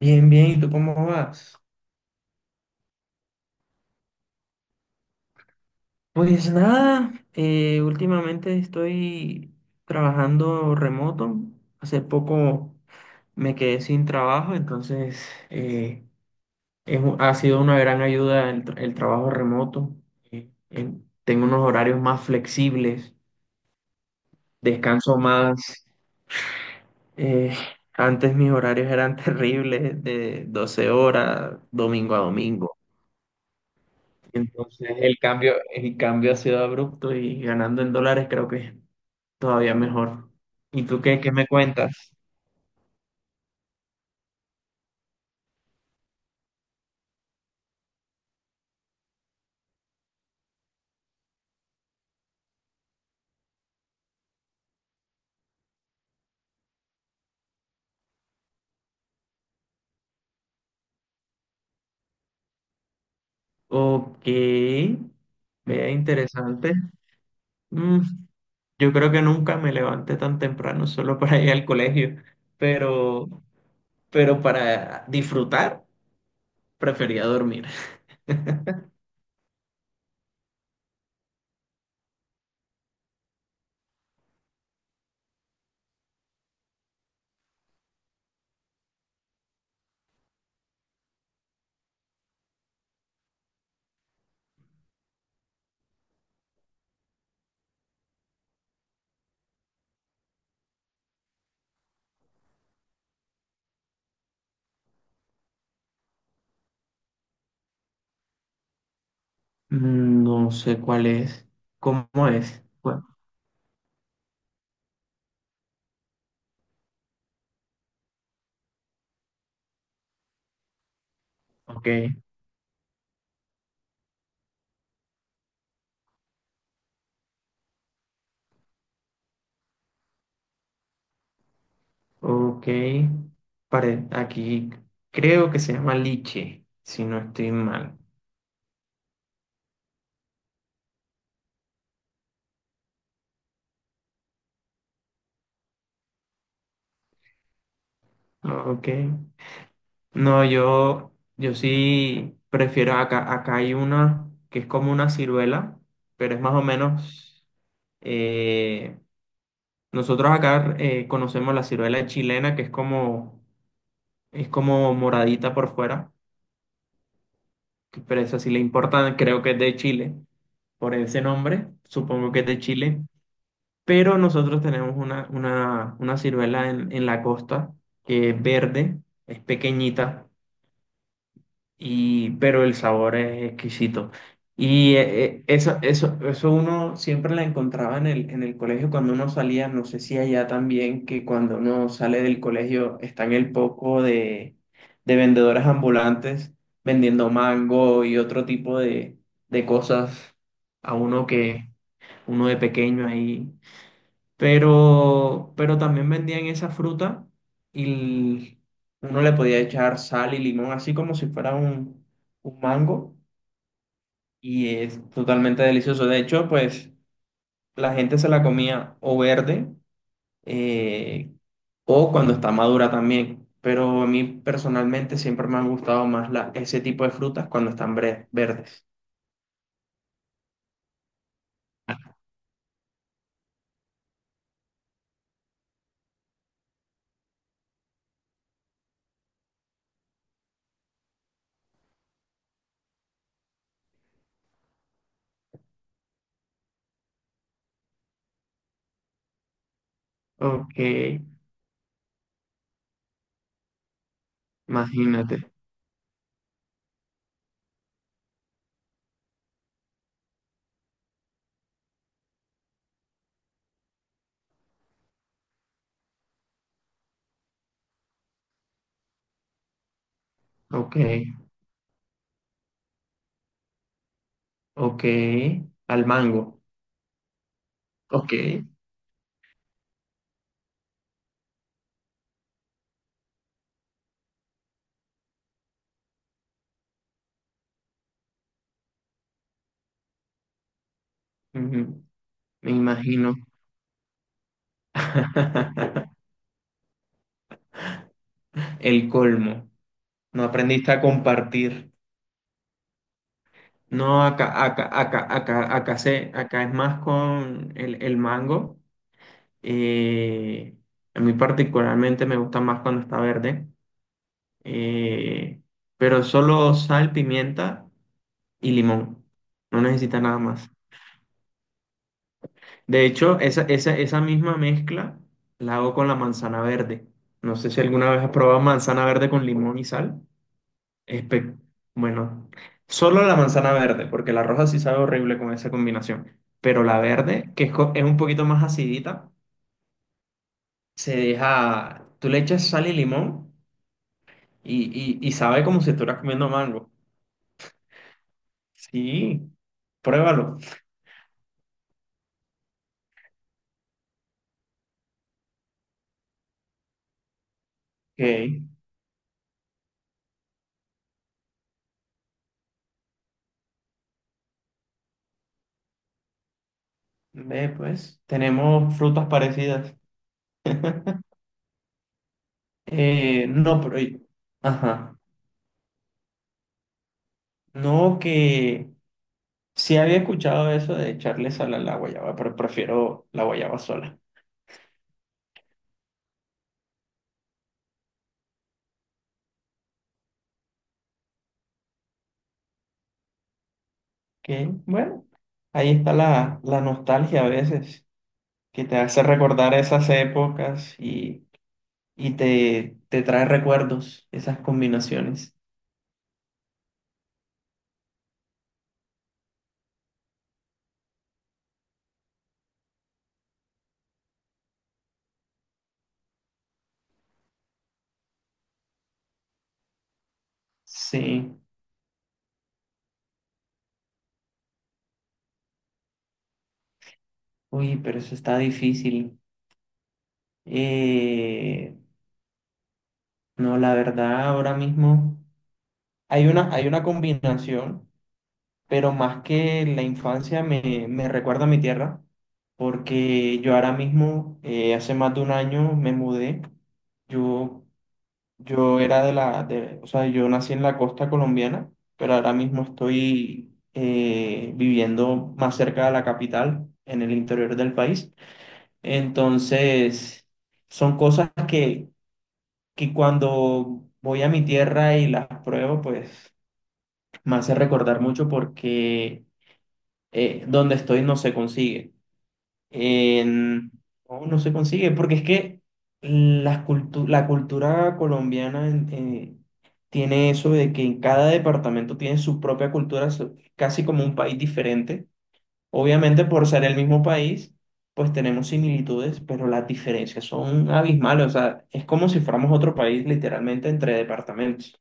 Bien, bien, ¿y tú cómo vas? Pues nada, últimamente estoy trabajando remoto. Hace poco me quedé sin trabajo, entonces ha sido una gran ayuda el trabajo remoto. Tengo unos horarios más flexibles, descanso más. eh, antes mis horarios eran terribles, de 12 horas, domingo a domingo. Entonces el cambio ha sido abrupto y ganando en dólares creo que es todavía mejor. ¿Y tú qué me cuentas? Ok, vea interesante. Mm, yo creo que nunca me levanté tan temprano solo para ir al colegio, pero, pero para disfrutar prefería dormir. No sé cuál es, cómo es. Bueno, ok. Ok, pare, aquí creo que se llama liche, si no estoy mal. Ok. No, yo sí prefiero acá, acá hay una que es como una ciruela, pero es más o menos, eh, nosotros acá conocemos la ciruela chilena, es como moradita por fuera, pero esa sí le importa, creo que es de Chile, por ese nombre, supongo que es de Chile. Pero nosotros tenemos una ciruela en la costa que es verde, es pequeñita, pero el sabor es exquisito. Y eso uno siempre la encontraba en el colegio cuando uno salía, no sé si allá también, que cuando uno sale del colegio está en el poco de vendedores ambulantes vendiendo mango y otro tipo de cosas a uno que uno de pequeño ahí pero también vendían esa fruta y uno le podía echar sal y limón, así como si fuera un mango, y es totalmente delicioso. De hecho, pues la gente se la comía o verde eh, o cuando está madura también. Pero a mí personalmente siempre me han gustado más ese tipo de frutas cuando están verdes. Ok, imagínate. Ok, ok. Al mango. Ok. Me imagino. El colmo. No aprendiste a compartir. No, acá es más con el mango. Eh, a mí particularmente me gusta más cuando está verde. Eh, pero solo sal, pimienta y limón. No necesita nada más. De hecho, esa misma mezcla la hago con la manzana verde. No sé si alguna vez has probado manzana verde con limón y sal. Espe- Bueno, solo la manzana verde, porque la roja sí sabe horrible con esa combinación. Pero la verde, es un poquito más acidita, se deja. Tú le echas sal y limón y, y sabe como si estuvieras comiendo mango. Sí, pruébalo. Ok, ve pues, tenemos frutas parecidas. No, pero. Ajá. No, que sí había escuchado eso de echarle sal a la guayaba, pero prefiero la guayaba sola. Que, bueno, ahí está la nostalgia a veces, que te hace recordar esas épocas y te trae recuerdos, esas combinaciones. Sí, uy, pero eso está difícil. Eh, no, la verdad, ahora mismo hay una combinación, pero más que la infancia me recuerda a mi tierra, porque yo ahora mismo, hace más de un año, me mudé. Yo Yo era o sea, yo nací en la costa colombiana, pero ahora mismo estoy viviendo más cerca de la capital, en el interior del país. Entonces, son cosas que cuando voy a mi tierra y las pruebo, pues me hace recordar mucho porque donde estoy no se consigue en- no, no se consigue, porque es que la cultura colombiana tiene eso de que en cada departamento tiene su propia cultura, casi como un país diferente. Obviamente por ser el mismo país, pues tenemos similitudes, pero las diferencias son abismales, o sea, es como si fuéramos otro país literalmente entre departamentos.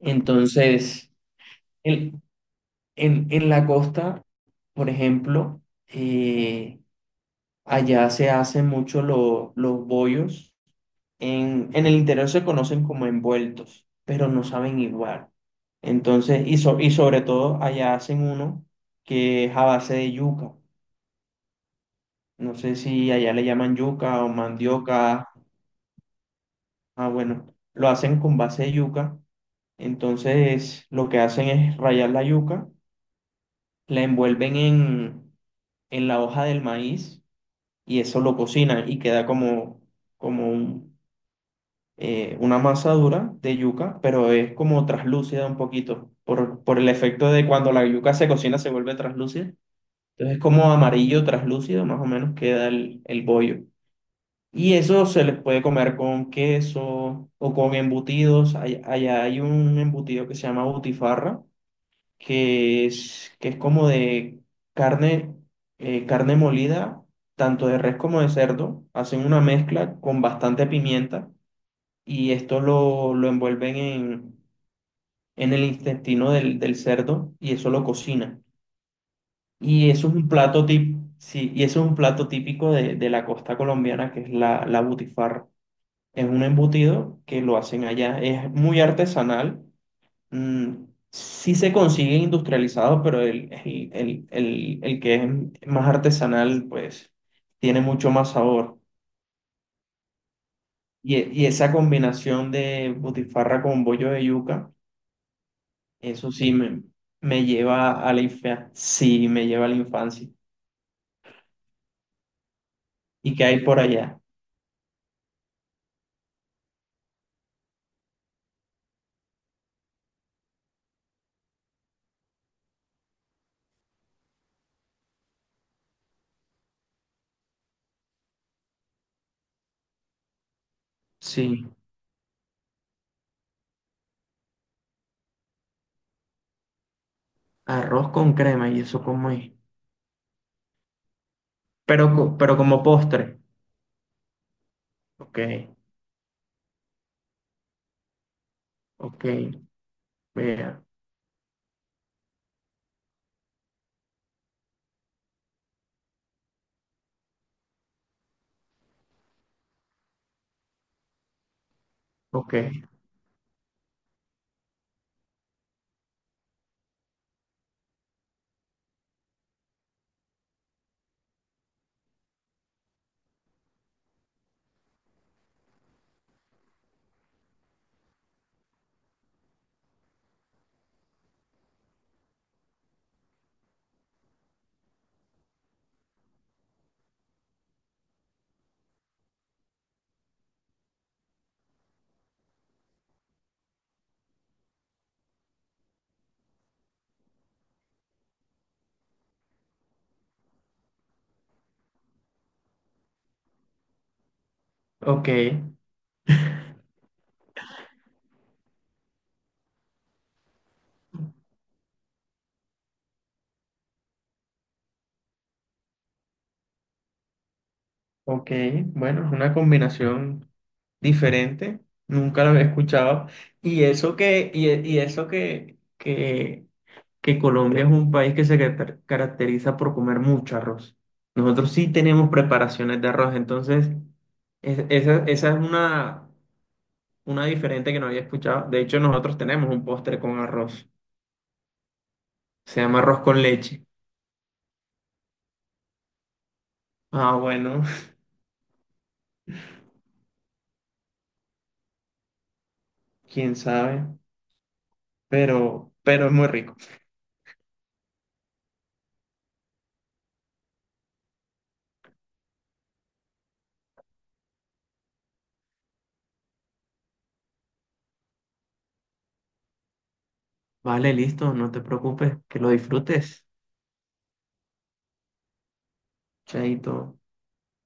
Entonces, el- en la costa, por ejemplo, eh, Allá se hacen mucho los bollos. En el interior se conocen como envueltos, pero no saben igual. Entonces, y sobre todo allá hacen uno que es a base de yuca. No sé si allá le llaman yuca o mandioca. Ah, bueno, lo hacen con base de yuca. Entonces, lo que hacen es rallar la yuca, la envuelven en la hoja del maíz y eso lo cocinan y queda como, como un una masa dura de yuca, pero es como traslúcida un poquito, por el efecto de cuando la yuca se cocina se vuelve traslúcida. Entonces es como amarillo traslúcido, más o menos queda el bollo. Y eso se les puede comer con queso o con embutidos. Allá hay un embutido que se llama butifarra, que es como de carne, carne molida, tanto de res como de cerdo. Hacen una mezcla con bastante pimienta y esto lo envuelven en el intestino del cerdo y eso lo cocinan. Y eso es un plato típico, sí, y eso es un plato típico de la costa colombiana que es la butifarra. Es un embutido que lo hacen allá, es muy artesanal. mm, Sí se consigue industrializado, pero el que es más artesanal, pues tiene mucho más sabor. Y esa combinación de butifarra con bollo de yuca, eso sí me lleva a la infancia. Sí, me lleva a la infancia. ¿Y qué hay por allá? Sí, arroz con crema y eso como es. Pero, pero como postre. Ok, ok, vea, ok, ok, ok. Bueno, es una combinación diferente. Nunca lo había escuchado. Y eso que Colombia es un país que se caracteriza por comer mucho arroz. Nosotros sí tenemos preparaciones de arroz, entonces esa es una diferente que no había escuchado. De hecho, nosotros tenemos un postre con arroz, se llama arroz con leche. Ah, bueno, quién sabe, pero es muy rico. Vale, listo, no te preocupes, que lo disfrutes. Chaito.